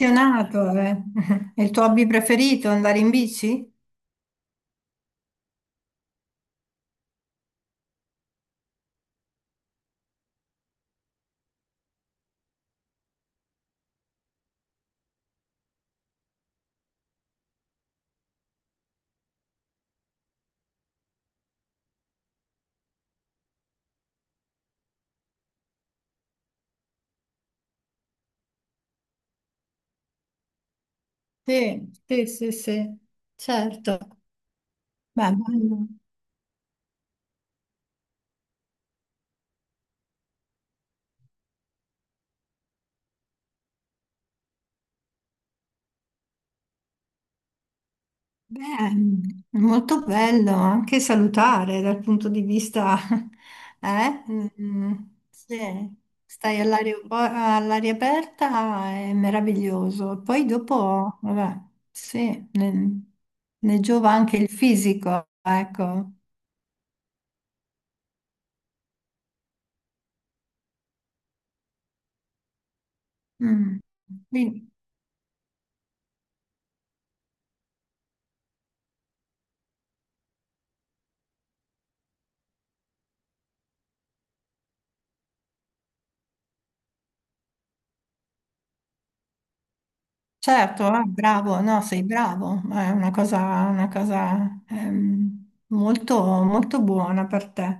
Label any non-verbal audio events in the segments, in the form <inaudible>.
Appassionato, eh. <laughs> È il tuo hobby preferito, andare in bici? Sì, sì, sì, sì, certo. Beh, bello. Beh, è molto bello, anche salutare dal punto di vista, <laughs> eh? Mm, sì. Stai all'aria aperta, è meraviglioso. Poi dopo, vabbè, sì, ne giova anche il fisico, ecco. Mm. Quindi- Certo, ah, bravo, no, sei bravo, è una cosa, molto, molto buona per te.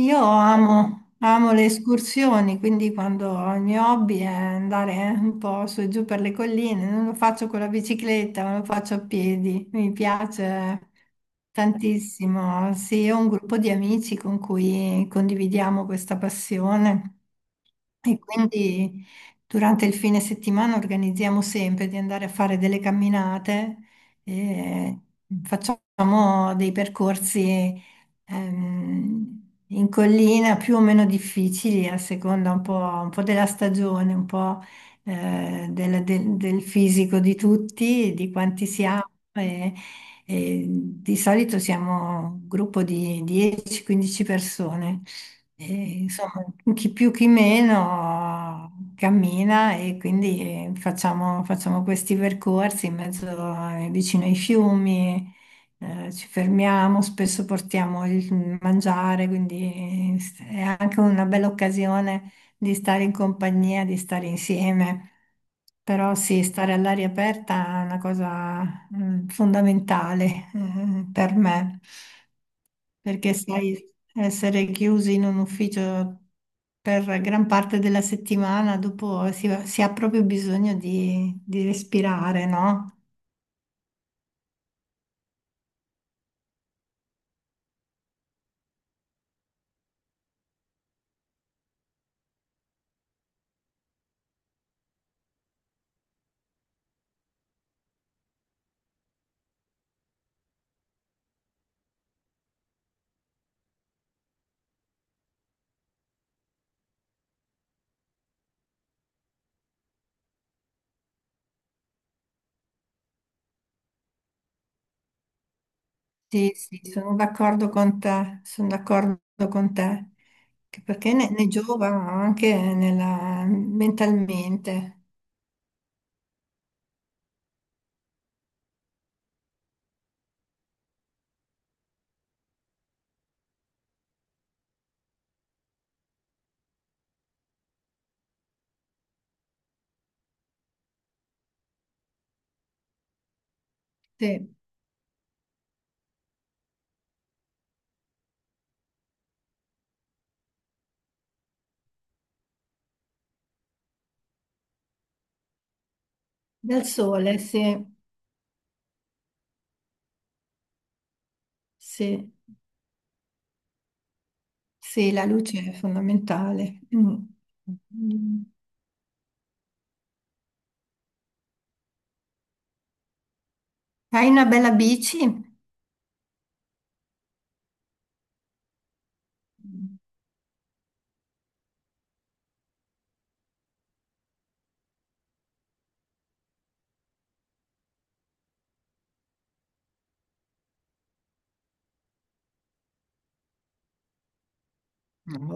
Io amo, amo le escursioni, quindi quando il mio hobby è andare un po' su e giù per le colline, non lo faccio con la bicicletta, ma lo faccio a piedi, mi piace tantissimo. Sì, ho un gruppo di amici con cui condividiamo questa passione. E quindi durante il fine settimana organizziamo sempre di andare a fare delle camminate, e facciamo dei percorsi ehm, in collina più o meno difficili a seconda un po' della stagione, un po' del fisico di tutti, di quanti siamo. E di solito siamo un gruppo di 10-15 persone. E, insomma, chi più chi meno cammina e quindi facciamo, facciamo questi percorsi in mezzo vicino ai fiumi, ci fermiamo, spesso portiamo il mangiare, quindi è anche una bella occasione di stare in compagnia, di stare insieme. Però sì, stare all'aria aperta è una cosa fondamentale per me, perché sai, essere chiusi in un ufficio per gran parte della settimana, dopo si ha proprio bisogno di respirare, no? Sì, sì, sono d'accordo con te, sono d'accordo con te, che perché ne giova anche mentalmente. Sì. Dal sole, sì, sì, sì, la luce è fondamentale. Mm. Mm. Hai una bella bici? Mm.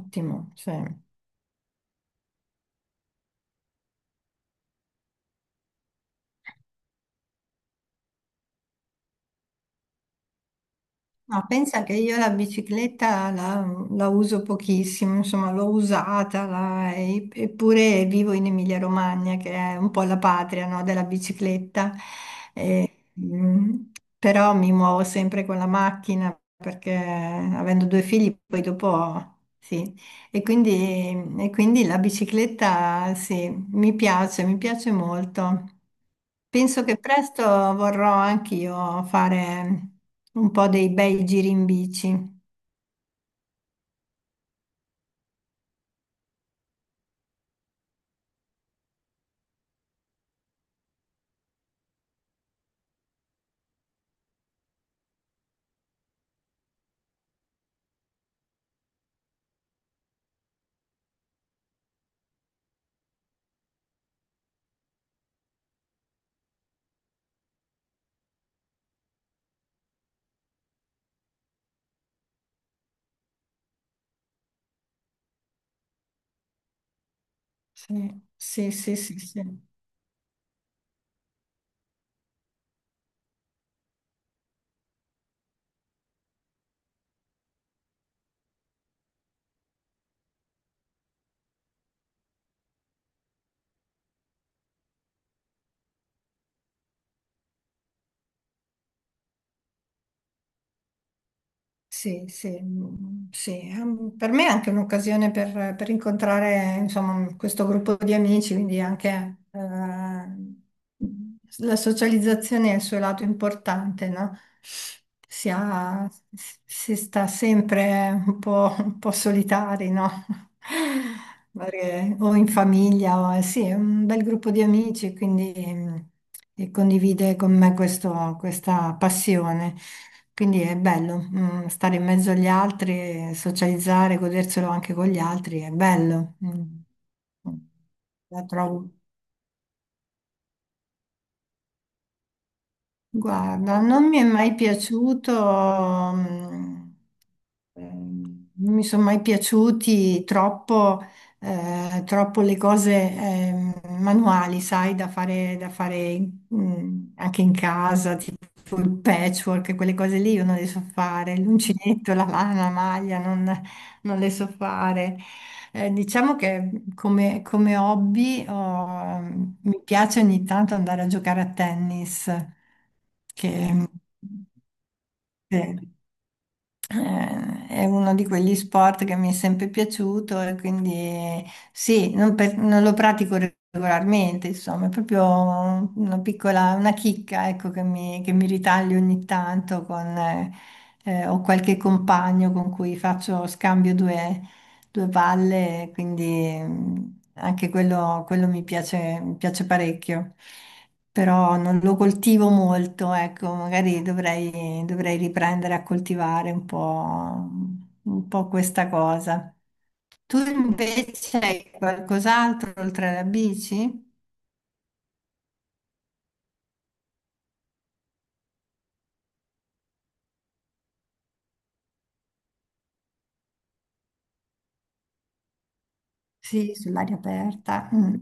Ottimo, sì. No, pensa che io la bicicletta la uso pochissimo, insomma l'ho usata, eppure vivo in Emilia-Romagna, che è un po' la patria, no, della bicicletta, e, però mi muovo sempre con la macchina perché avendo due figli poi dopo... Sì, e quindi, e quindi la bicicletta sì, mi piace molto. Penso che presto vorrò anch'io fare un po' dei bei giri in bici. Sì, sì, sì, sì, sì. Sì, sì, mm, sì. Per me è anche un'occasione per incontrare, insomma, questo gruppo di amici, quindi anche la socializzazione è il suo lato importante, no? si, si sta sempre un po' solitari, no? Perché o in famiglia, o, sì, è un bel gruppo di amici, quindi e condivide con me questa passione. Quindi è bello, stare in mezzo agli altri, socializzare, goderselo anche con gli altri, è bello. Mm. Mm. La trovo. Guarda, non mi è mai piaciuto, mm, non mi sono mai piaciuti troppo, troppo le cose, manuali, sai, da fare, anche in casa, tipo il patchwork, quelle cose lì io non le so fare, l'uncinetto, la lana, la maglia, non le so fare. Diciamo che come hobby mi piace ogni tanto andare a giocare a tennis, che, che, è uno di quegli sport che mi è sempre piaciuto e quindi sì, non lo pratico regolarmente, insomma, è proprio una chicca, ecco, che mi ritaglio ogni tanto con... ho qualche compagno con cui faccio scambio due palle, quindi anche quello mi piace parecchio, però non lo coltivo molto, ecco, magari dovrei, dovrei riprendere a coltivare un po' questa cosa. Tu invece hai qualcos'altro oltre alla bici? Sì, sull'aria aperta. Mm.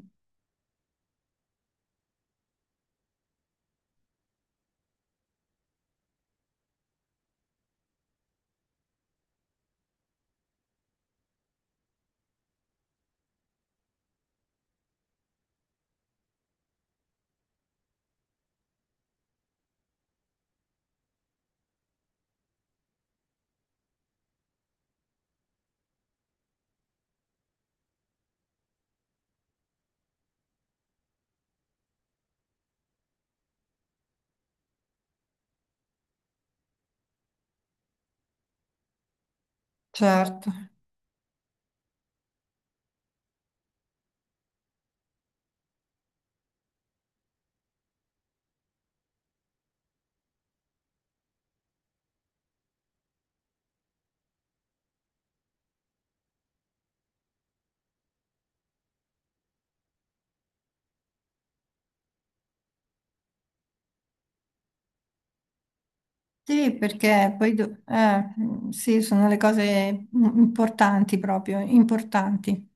Certo. Sì, perché poi sì, sono le cose importanti proprio, importanti.